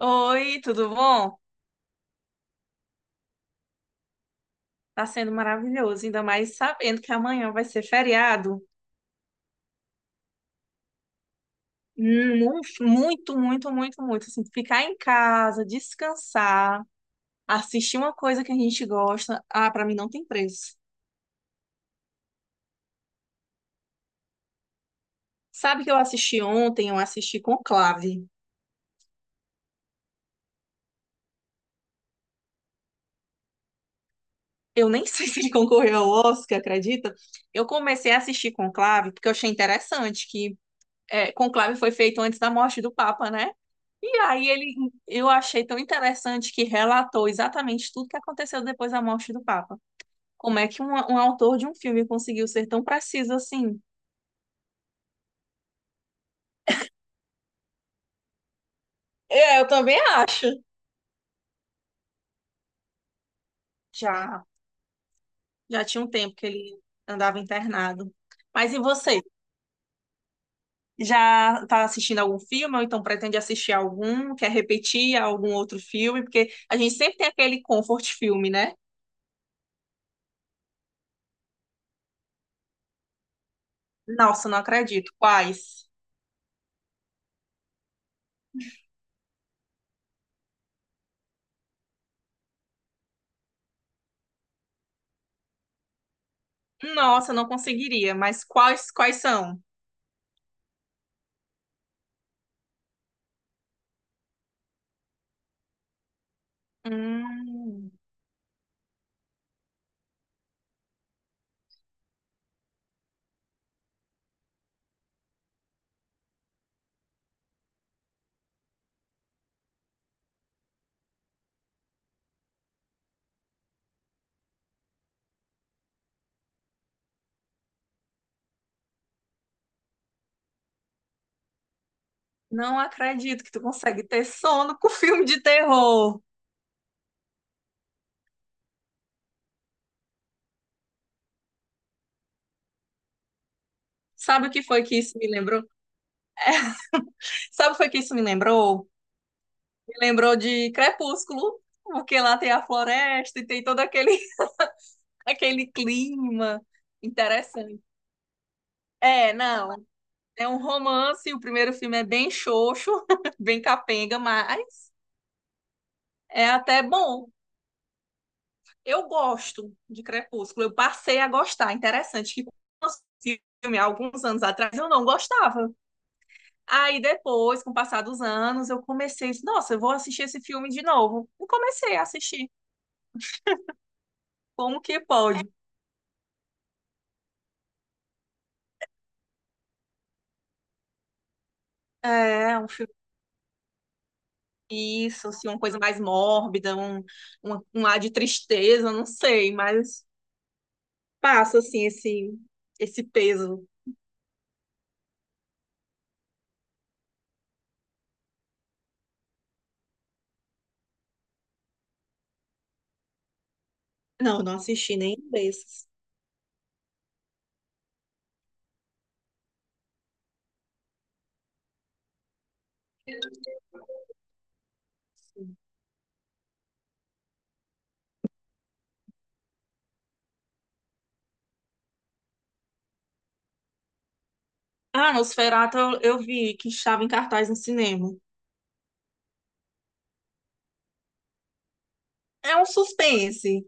Oi, tudo bom? Tá sendo maravilhoso, ainda mais sabendo que amanhã vai ser feriado. Hum, Muito, muito, muito, muito. Assim, ficar em casa, descansar, assistir uma coisa que a gente gosta. Ah, pra mim não tem preço. Sabe que eu assisti ontem, eu assisti Conclave. Eu nem sei se ele concorreu ao Oscar, acredita? Eu comecei a assistir Conclave porque eu achei interessante que Conclave foi feito antes da morte do Papa, né? E aí ele, eu achei tão interessante que relatou exatamente tudo que aconteceu depois da morte do Papa. Como é que um autor de um filme conseguiu ser tão preciso assim? É, eu também acho. Já, já tinha um tempo que ele andava internado. Mas e você? Já está assistindo algum filme ou então pretende assistir algum? Quer repetir algum outro filme? Porque a gente sempre tem aquele comfort filme, né? Nossa, não acredito. Quais? Nossa, não conseguiria. Mas quais são? Hum. Não acredito que tu consegue ter sono com filme de terror. Sabe o que foi que isso me lembrou? Sabe o que foi que isso me lembrou? Me lembrou de Crepúsculo, porque lá tem a floresta e tem todo aquele, aquele clima interessante. É, não, é um romance, o primeiro filme é bem xoxo, bem capenga, mas é até bom. Eu gosto de Crepúsculo, eu passei a gostar. Interessante que quando eu assisti o filme há alguns anos atrás eu não gostava. Aí depois, com o passar dos anos, eu comecei, nossa, eu vou assistir esse filme de novo. E comecei a assistir. Como que pode? É, um filme, isso, assim, uma coisa mais mórbida, um ar de tristeza, não sei, mas passa, assim, esse peso. Não, não assisti nenhum desses. Ah, Nosferatu eu vi que estava em cartaz no cinema. É um suspense.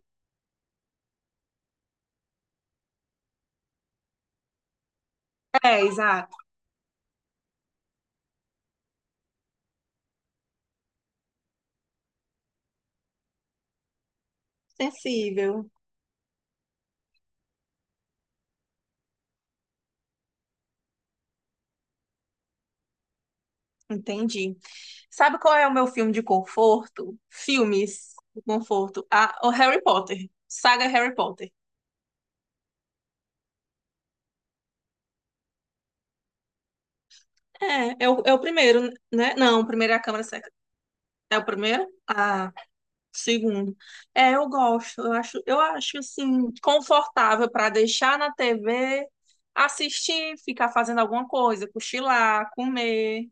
É, exato. Sensível. Entendi. Sabe qual é o meu filme de conforto? Filmes de conforto. Ah, o Harry Potter. Saga Harry Potter. É, é o primeiro, né? Não, o primeiro é a Câmara Secreta. É o primeiro? Ah, segundo. É, eu gosto. Eu acho assim, confortável para deixar na TV, assistir, ficar fazendo alguma coisa, cochilar, comer.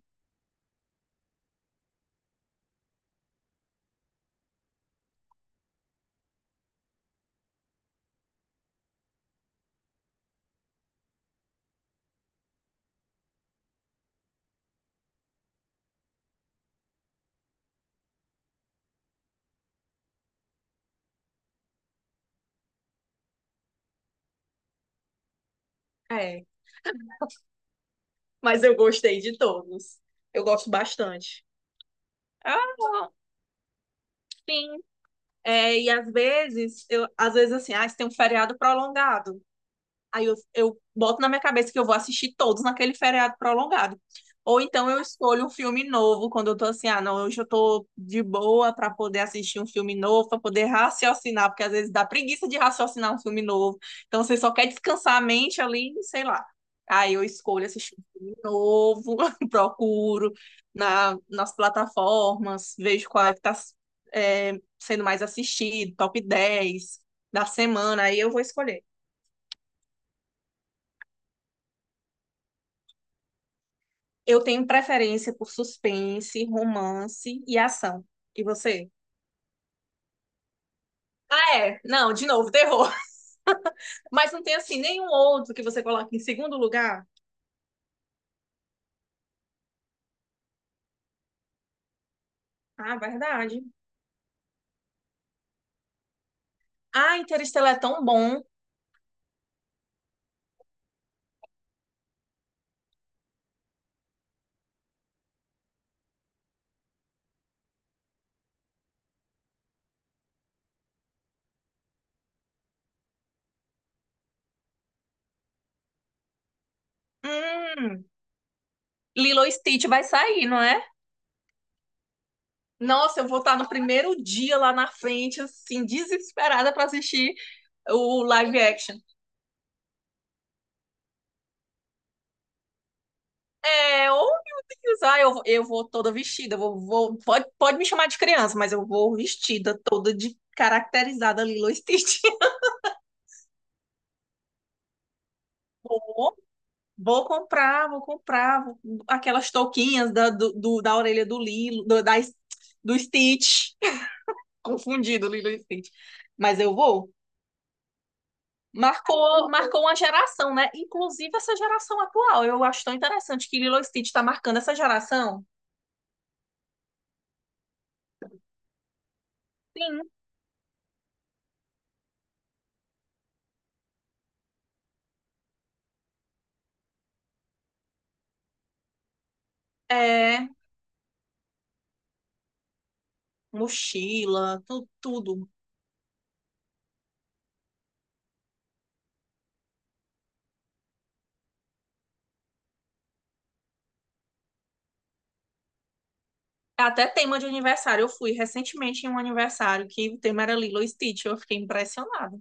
É, mas eu gostei de todos. Eu gosto bastante. Ah, sim. É, e às vezes, às vezes assim, ah, se tem um feriado prolongado. Aí eu boto na minha cabeça que eu vou assistir todos naquele feriado prolongado. Ou então eu escolho um filme novo, quando eu tô assim, ah, não, hoje eu tô de boa para poder assistir um filme novo, para poder raciocinar, porque às vezes dá preguiça de raciocinar um filme novo. Então você só quer descansar a mente ali, sei lá. Aí eu escolho assistir um filme novo, procuro nas plataformas, vejo qual é que tá, é, sendo mais assistido, top 10 da semana, aí eu vou escolher. Eu tenho preferência por suspense, romance e ação. E você? Ah, é. Não, de novo, terror. Mas não tem assim nenhum outro que você coloque em segundo lugar? Ah, verdade. Ah, Interestelar é tão bom. Hum, Lilo e Stitch vai sair, não é? Nossa, eu vou estar no primeiro dia lá na frente, assim, desesperada para assistir o live action. É, ou meu Deus, ah, eu vou toda vestida, vou, pode me chamar de criança, mas eu vou vestida toda de caracterizada Lilo Stitch. Vou, vou comprar aquelas touquinhas da orelha do Lilo, do Stitch. Confundido, Lilo e Stitch. Mas eu vou. Marcou uma geração, né? Inclusive essa geração atual. Eu acho tão interessante que Lilo e Stitch está marcando essa geração. Sim. É, mochila, tudo. Até tema de aniversário. Eu fui recentemente em um aniversário que o tema era Lilo e Stitch. Eu fiquei impressionada.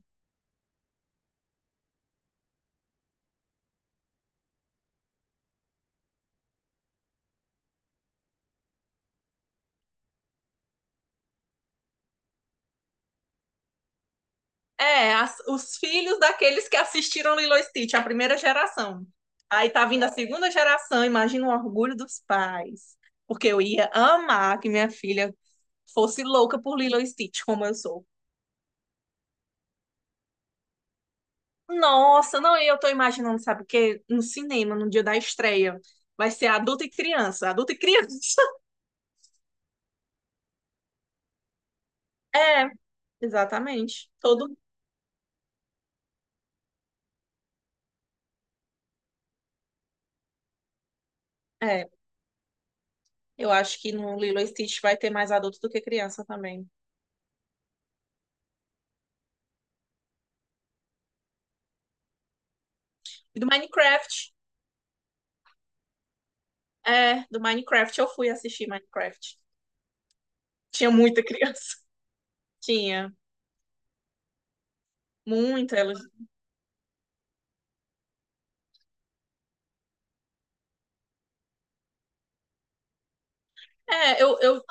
É, os filhos daqueles que assistiram Lilo e Stitch, a primeira geração. Aí tá vindo a segunda geração, imagina o orgulho dos pais. Porque eu ia amar que minha filha fosse louca por Lilo e Stitch, como eu sou. Nossa, não, e eu tô imaginando, sabe o quê? No cinema, no dia da estreia. Vai ser adulto e criança, adulto e criança. É, exatamente. Todo. É. Eu acho que no Lilo e Stitch vai ter mais adulto do que criança também. E do Minecraft eu fui assistir Minecraft. Tinha muita criança. Tinha. Muita. Elas. É, eu, eu,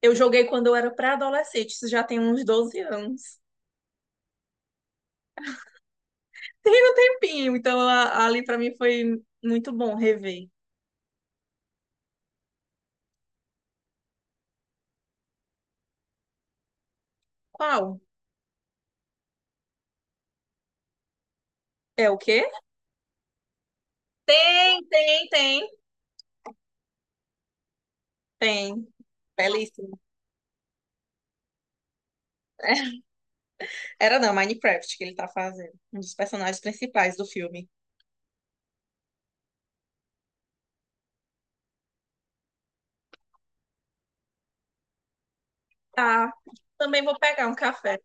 eu joguei quando eu era pré-adolescente, isso já tem uns 12 anos. Tem um tempinho, então ali pra mim foi muito bom rever. Qual? É o quê? Tem, tem, tem, tem. Belíssimo. Era não, Minecraft que ele tá fazendo. Um dos personagens principais do filme. Tá. Também vou pegar um café.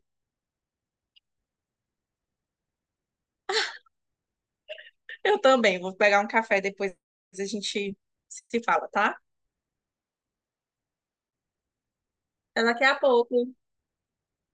Eu também vou pegar um café depois a gente se fala, tá? Até daqui a pouco.